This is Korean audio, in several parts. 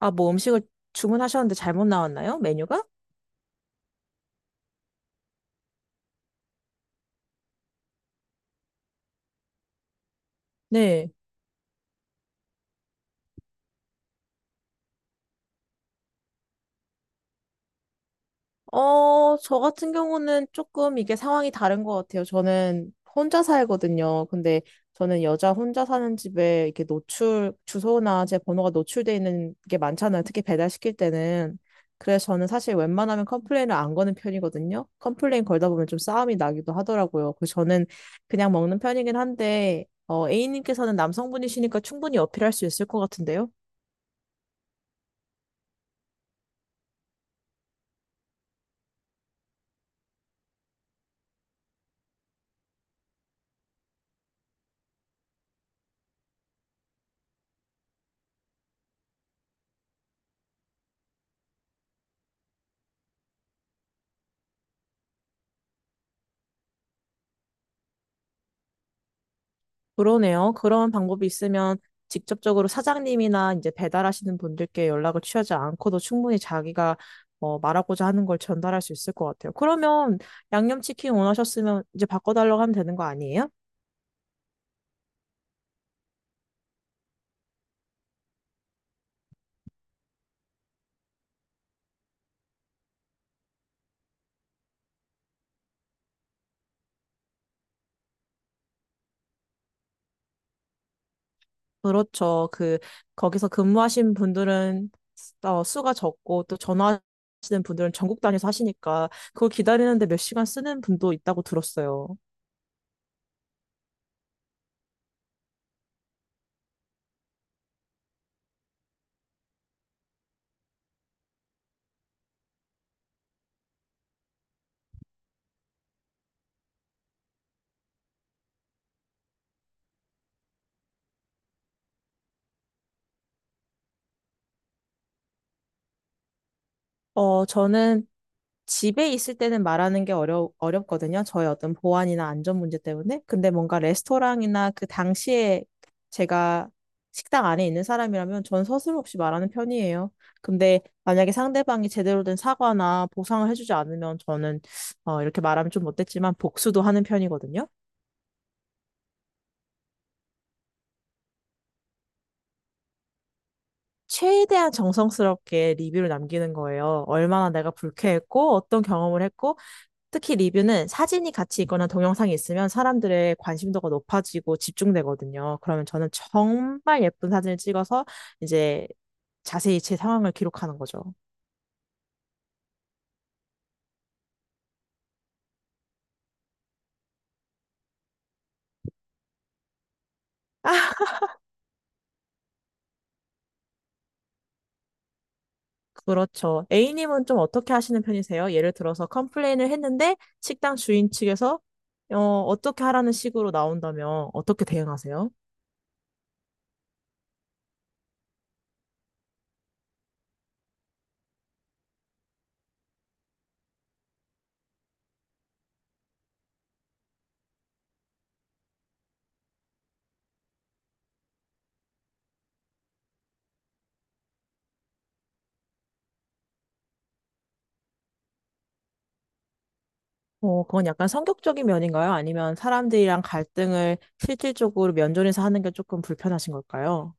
아, 뭐 음식을 주문하셨는데 잘못 나왔나요? 메뉴가? 네. 저 같은 경우는 조금 이게 상황이 다른 것 같아요. 저는 혼자 살거든요. 근데 저는 여자 혼자 사는 집에 이렇게 노출, 주소나 제 번호가 노출돼 있는 게 많잖아요. 특히 배달시킬 때는. 그래서 저는 사실 웬만하면 컴플레인을 안 거는 편이거든요. 컴플레인 걸다 보면 좀 싸움이 나기도 하더라고요. 그래서 저는 그냥 먹는 편이긴 한데, A님께서는 남성분이시니까 충분히 어필할 수 있을 것 같은데요? 그러네요. 그런 방법이 있으면 직접적으로 사장님이나 이제 배달하시는 분들께 연락을 취하지 않고도 충분히 자기가 말하고자 하는 걸 전달할 수 있을 것 같아요. 그러면 양념치킨 원하셨으면 이제 바꿔달라고 하면 되는 거 아니에요? 그렇죠. 그, 거기서 근무하신 분들은 수가 적고 또 전화하시는 분들은 전국 단위에서 하시니까 그걸 기다리는데 몇 시간 쓰는 분도 있다고 들었어요. 저는 집에 있을 때는 말하는 게 어려, 어렵거든요. 저의 어떤 보안이나 안전 문제 때문에. 근데 뭔가 레스토랑이나 그 당시에 제가 식당 안에 있는 사람이라면 전 서슴없이 말하는 편이에요. 근데 만약에 상대방이 제대로 된 사과나 보상을 해주지 않으면 저는 이렇게 말하면 좀 못됐지만 복수도 하는 편이거든요. 최대한 정성스럽게 리뷰를 남기는 거예요. 얼마나 내가 불쾌했고, 어떤 경험을 했고, 특히 리뷰는 사진이 같이 있거나 동영상이 있으면 사람들의 관심도가 높아지고 집중되거든요. 그러면 저는 정말 예쁜 사진을 찍어서 이제 자세히 제 상황을 기록하는 거죠. 그렇죠. A님은 좀 어떻게 하시는 편이세요? 예를 들어서 컴플레인을 했는데 식당 주인 측에서 어, 어떻게 하라는 식으로 나온다면 어떻게 대응하세요? 그건 약간 성격적인 면인가요? 아니면 사람들이랑 갈등을 실질적으로 면전에서 하는 게 조금 불편하신 걸까요?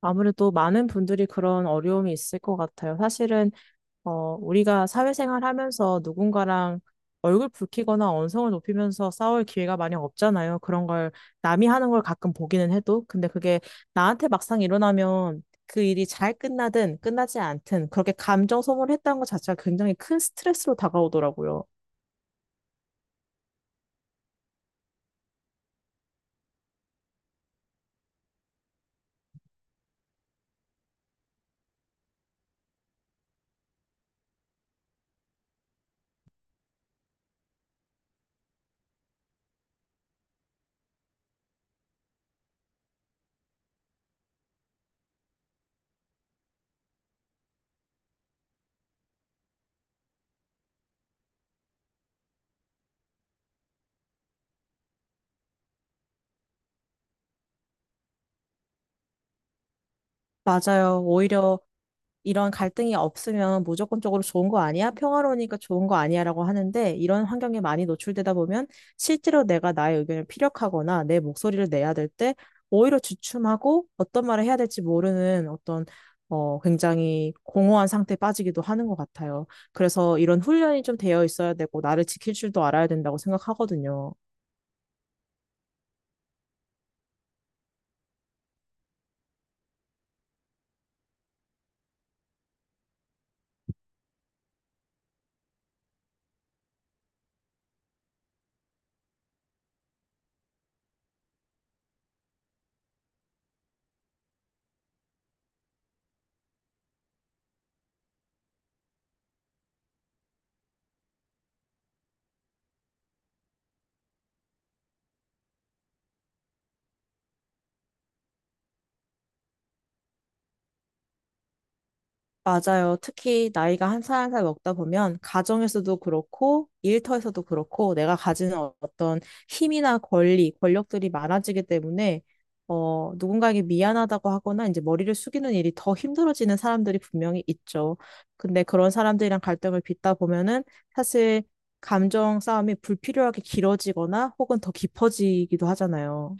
아무래도 많은 분들이 그런 어려움이 있을 것 같아요. 사실은, 우리가 사회생활 하면서 누군가랑 얼굴 붉히거나 언성을 높이면서 싸울 기회가 많이 없잖아요. 그런 걸 남이 하는 걸 가끔 보기는 해도. 근데 그게 나한테 막상 일어나면 그 일이 잘 끝나든 끝나지 않든 그렇게 감정 소모를 했다는 것 자체가 굉장히 큰 스트레스로 다가오더라고요. 맞아요. 오히려 이런 갈등이 없으면 무조건적으로 좋은 거 아니야? 평화로우니까 좋은 거 아니야? 라고 하는데 이런 환경에 많이 노출되다 보면 실제로 내가 나의 의견을 피력하거나 내 목소리를 내야 될 때 오히려 주춤하고 어떤 말을 해야 될지 모르는 어떤 굉장히 공허한 상태에 빠지기도 하는 것 같아요. 그래서 이런 훈련이 좀 되어 있어야 되고 나를 지킬 줄도 알아야 된다고 생각하거든요. 맞아요. 특히 나이가 한 살 한 살 먹다 보면 가정에서도 그렇고 일터에서도 그렇고 내가 가지는 어떤 힘이나 권리, 권력들이 많아지기 때문에 누군가에게 미안하다고 하거나 이제 머리를 숙이는 일이 더 힘들어지는 사람들이 분명히 있죠. 근데 그런 사람들이랑 갈등을 빚다 보면은 사실 감정 싸움이 불필요하게 길어지거나 혹은 더 깊어지기도 하잖아요.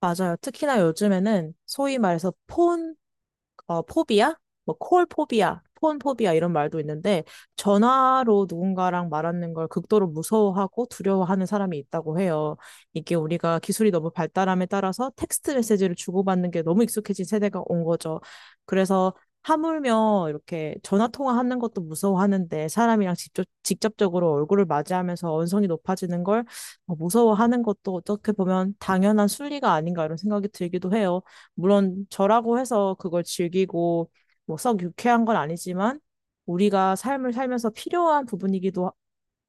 맞아요. 특히나 요즘에는 소위 말해서 폰 포비아? 뭐, 콜 포비아, 폰 포비아 이런 말도 있는데, 전화로 누군가랑 말하는 걸 극도로 무서워하고 두려워하는 사람이 있다고 해요. 이게 우리가 기술이 너무 발달함에 따라서 텍스트 메시지를 주고받는 게 너무 익숙해진 세대가 온 거죠. 그래서 하물며 이렇게 전화 통화하는 것도 무서워하는데 사람이랑 직접적으로 얼굴을 맞이하면서 언성이 높아지는 걸 무서워하는 것도 어떻게 보면 당연한 순리가 아닌가 이런 생각이 들기도 해요. 물론 저라고 해서 그걸 즐기고 뭐 썩 유쾌한 건 아니지만 우리가 삶을 살면서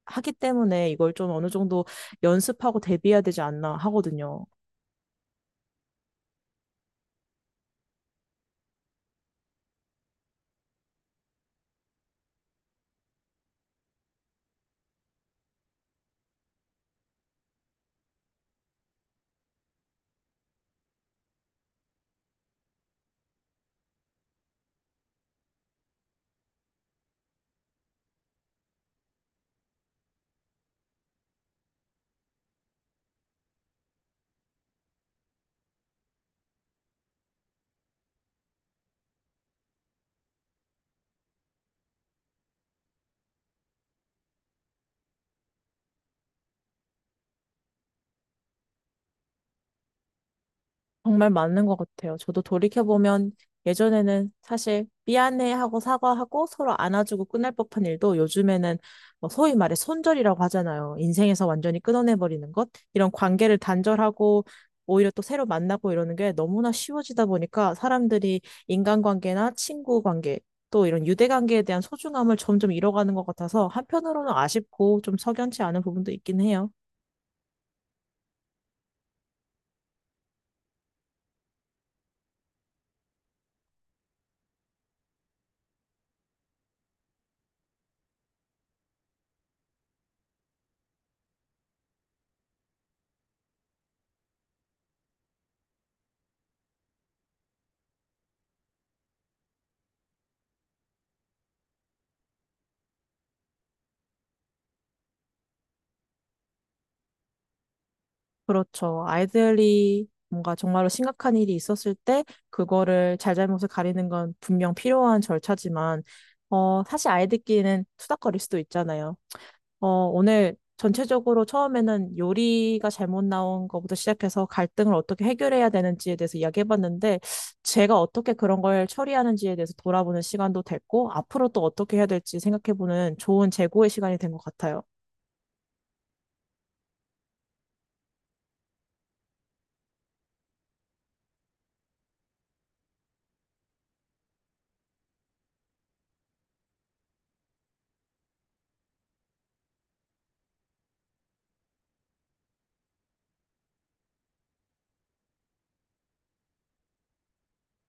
하기 때문에 이걸 좀 어느 정도 연습하고 대비해야 되지 않나 하거든요. 정말 맞는 것 같아요. 저도 돌이켜보면 예전에는 사실 미안해하고 사과하고 서로 안아주고 끝날 법한 일도 요즘에는 뭐 소위 말해 손절이라고 하잖아요. 인생에서 완전히 끊어내버리는 것. 이런 관계를 단절하고 오히려 또 새로 만나고 이러는 게 너무나 쉬워지다 보니까 사람들이 인간관계나 친구 관계 또 이런 유대관계에 대한 소중함을 점점 잃어가는 것 같아서 한편으로는 아쉽고 좀 석연치 않은 부분도 있긴 해요. 그렇죠. 아이들이 뭔가 정말로 심각한 일이 있었을 때 그거를 잘잘못을 가리는 건 분명 필요한 절차지만 어 사실 아이들끼리는 투닥거릴 수도 있잖아요. 어 오늘 전체적으로 처음에는 요리가 잘못 나온 것부터 시작해서 갈등을 어떻게 해결해야 되는지에 대해서 이야기해봤는데 제가 어떻게 그런 걸 처리하는지에 대해서 돌아보는 시간도 됐고 앞으로 또 어떻게 해야 될지 생각해보는 좋은 재고의 시간이 된 것 같아요.